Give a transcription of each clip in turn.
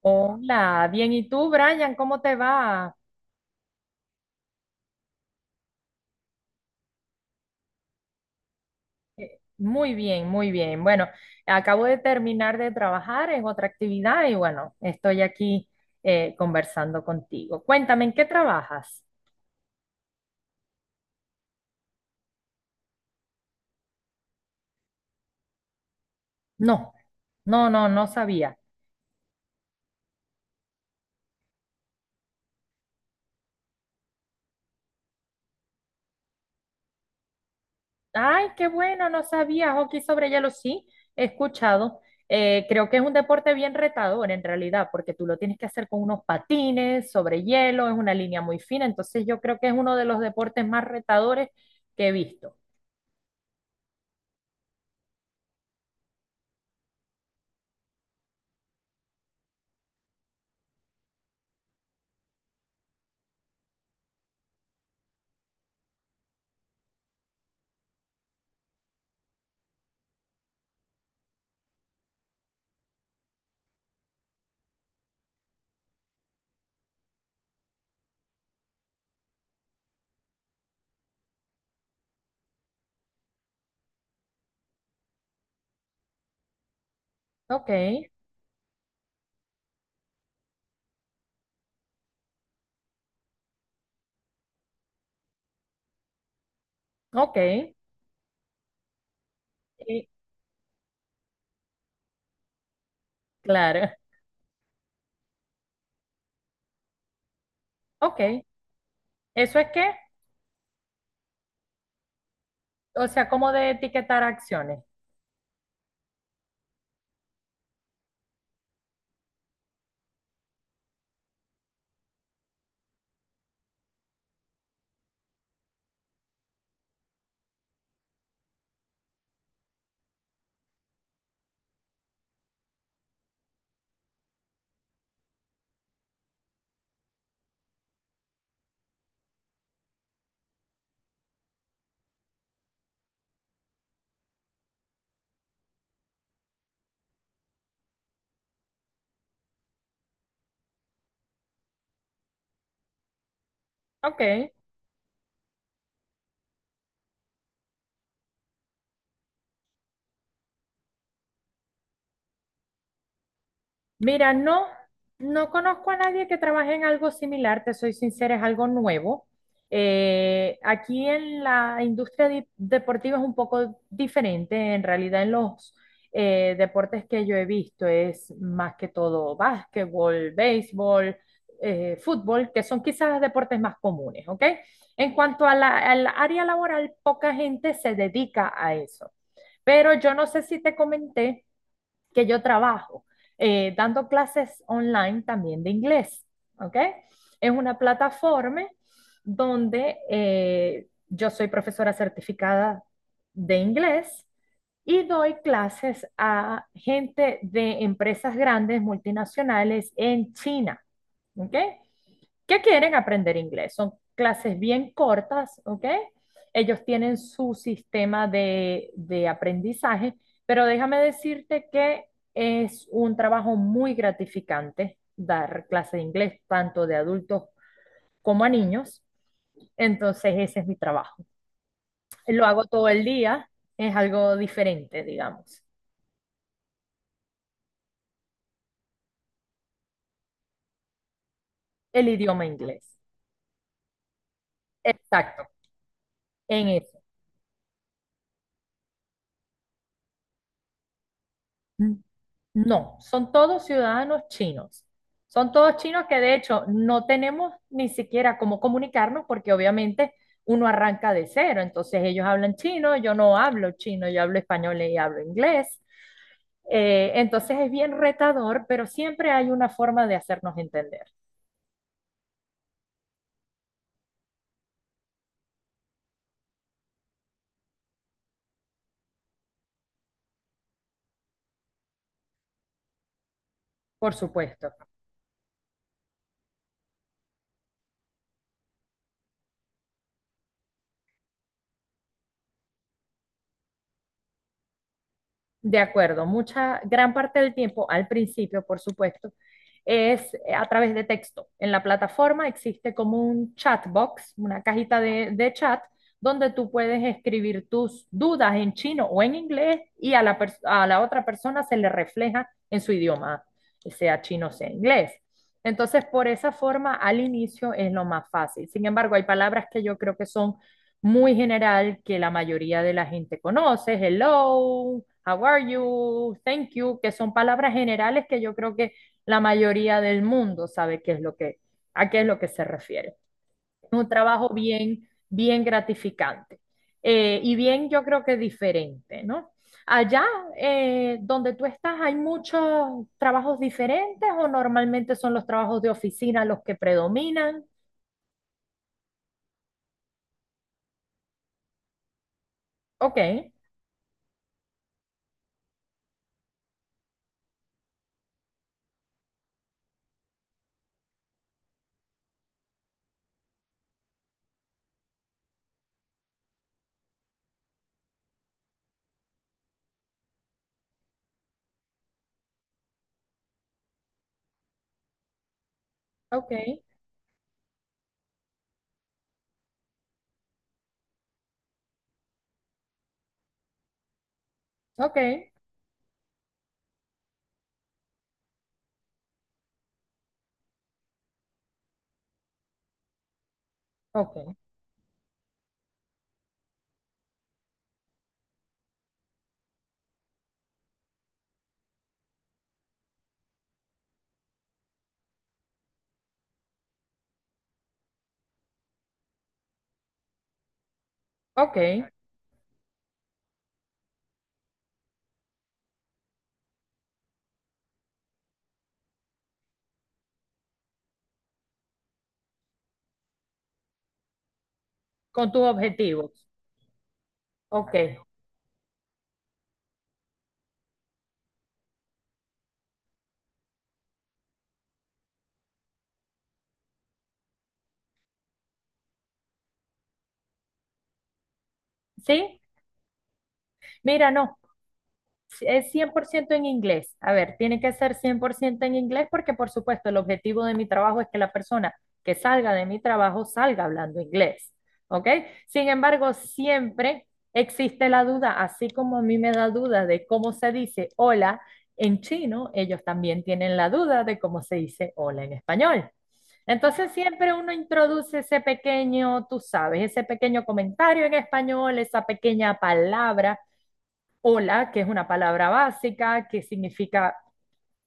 Hola, bien. ¿Y tú, Brian? ¿Cómo te va? Muy bien, muy bien. Bueno, acabo de terminar de trabajar en otra actividad y bueno, estoy aquí conversando contigo. Cuéntame, ¿en qué trabajas? No, no sabía. Ay, qué bueno, no sabía. Hockey sobre hielo sí, he escuchado. Creo que es un deporte bien retador en realidad, porque tú lo tienes que hacer con unos patines sobre hielo, es una línea muy fina, entonces yo creo que es uno de los deportes más retadores que he visto. Ok, ok, y- claro, ok. ¿Eso es qué? O sea, como de etiquetar acciones. Ok, Mira, no, no conozco a nadie que trabaje en algo similar, te soy sincera, es algo nuevo. Aquí en la industria deportiva es un poco diferente, en realidad en los deportes que yo he visto es más que todo básquetbol, béisbol, fútbol, que son quizás los deportes más comunes, ¿ok? En cuanto a al área laboral, poca gente se dedica a eso. Pero yo no sé si te comenté que yo trabajo, dando clases online también de inglés, ¿ok? Es una plataforma donde yo soy profesora certificada de inglés y doy clases a gente de empresas grandes, multinacionales en China, ¿ok? Que quieren aprender inglés. Son clases bien cortas, ¿ok? Ellos tienen su sistema de aprendizaje, pero déjame decirte que es un trabajo muy gratificante dar clases de inglés, tanto de adultos como a niños. Entonces, ese es mi trabajo. Lo hago todo el día, es algo diferente, digamos. El idioma inglés. Exacto, en eso. N- No, son todos ciudadanos chinos. Son todos chinos que de hecho no tenemos ni siquiera cómo comunicarnos porque obviamente uno arranca de cero. Entonces ellos hablan chino, yo no hablo chino, yo hablo español y hablo inglés. Entonces es bien retador, pero siempre hay una forma de hacernos entender, por supuesto. De acuerdo, mucha, gran parte del tiempo, al principio, por supuesto, es a través de texto. En la plataforma existe como un chat box, una cajita de chat, donde tú puedes escribir tus dudas en chino o en inglés y a a la otra persona se le refleja en su idioma, sea chino o sea inglés. Entonces, por esa forma, al inicio es lo más fácil. Sin embargo, hay palabras que yo creo que son muy general, que la mayoría de la gente conoce, hello, how are you, thank you, que son palabras generales que yo creo que la mayoría del mundo sabe qué es lo que, a qué es lo que se refiere. Es un trabajo bien, bien gratificante y bien yo creo que diferente, ¿no? Allá donde tú estás, ¿hay muchos trabajos diferentes o normalmente son los trabajos de oficina los que predominan? Ok, ok, ok, ok, ok, con tus objetivos. Ok, ¿sí? Mira, no, sí, es cien por ciento en inglés. A ver, tiene que ser 100% en inglés porque, por supuesto, el objetivo de mi trabajo es que la persona que salga de mi trabajo salga hablando inglés. ¿Ok? Sin embargo, siempre existe la duda, así como a mí me da duda de cómo se dice hola en chino, ellos también tienen la duda de cómo se dice hola en español. Entonces siempre uno introduce ese pequeño, tú sabes, ese pequeño comentario en español, esa pequeña palabra hola, que es una palabra básica, que significa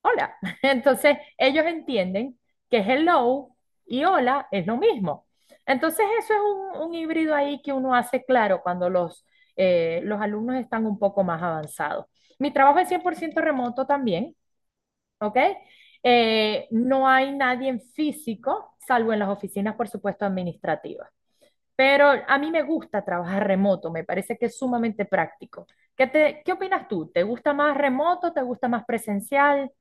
hola. Entonces, ellos entienden que hello y hola es lo mismo. Entonces, eso es un híbrido ahí que uno hace claro cuando los alumnos están un poco más avanzados. Mi trabajo es 100% remoto también, ¿ok? No hay nadie en físico, salvo en las oficinas, por supuesto, administrativas. Pero a mí me gusta trabajar remoto, me parece que es sumamente práctico. ¿Qué te, qué opinas tú? ¿Te gusta más remoto? ¿Te gusta más presencial?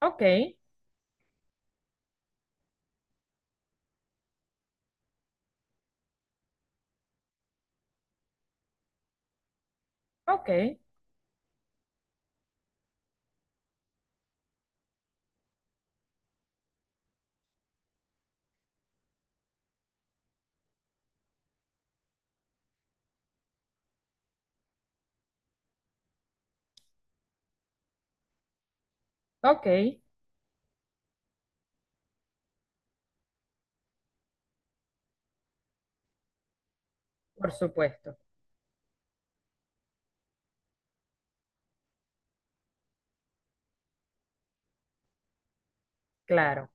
Ok, ok, ok, por supuesto, claro,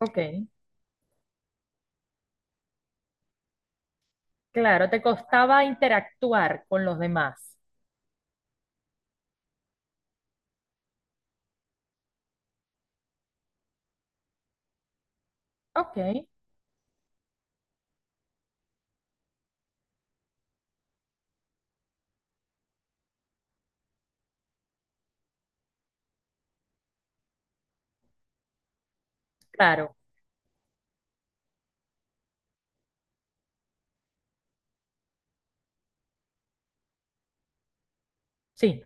ok, claro, te costaba interactuar con los demás. Ok, claro, sí,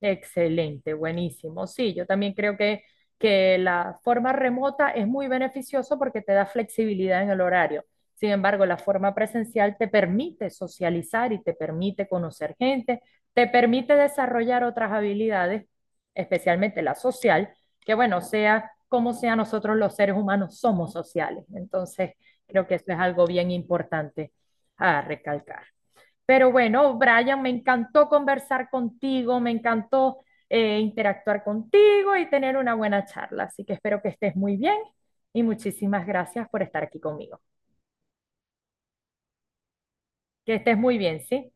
excelente, buenísimo. Sí, yo también creo que la forma remota es muy beneficioso porque te da flexibilidad en el horario. Sin embargo, la forma presencial te permite socializar y te permite conocer gente, te permite desarrollar otras habilidades, especialmente la social, que bueno, sea como sea, nosotros los seres humanos somos sociales. Entonces, creo que eso es algo bien importante a recalcar. Pero bueno, Brian, me encantó conversar contigo, me encantó interactuar contigo y tener una buena charla. Así que espero que estés muy bien y muchísimas gracias por estar aquí conmigo. Que estés muy bien, ¿sí?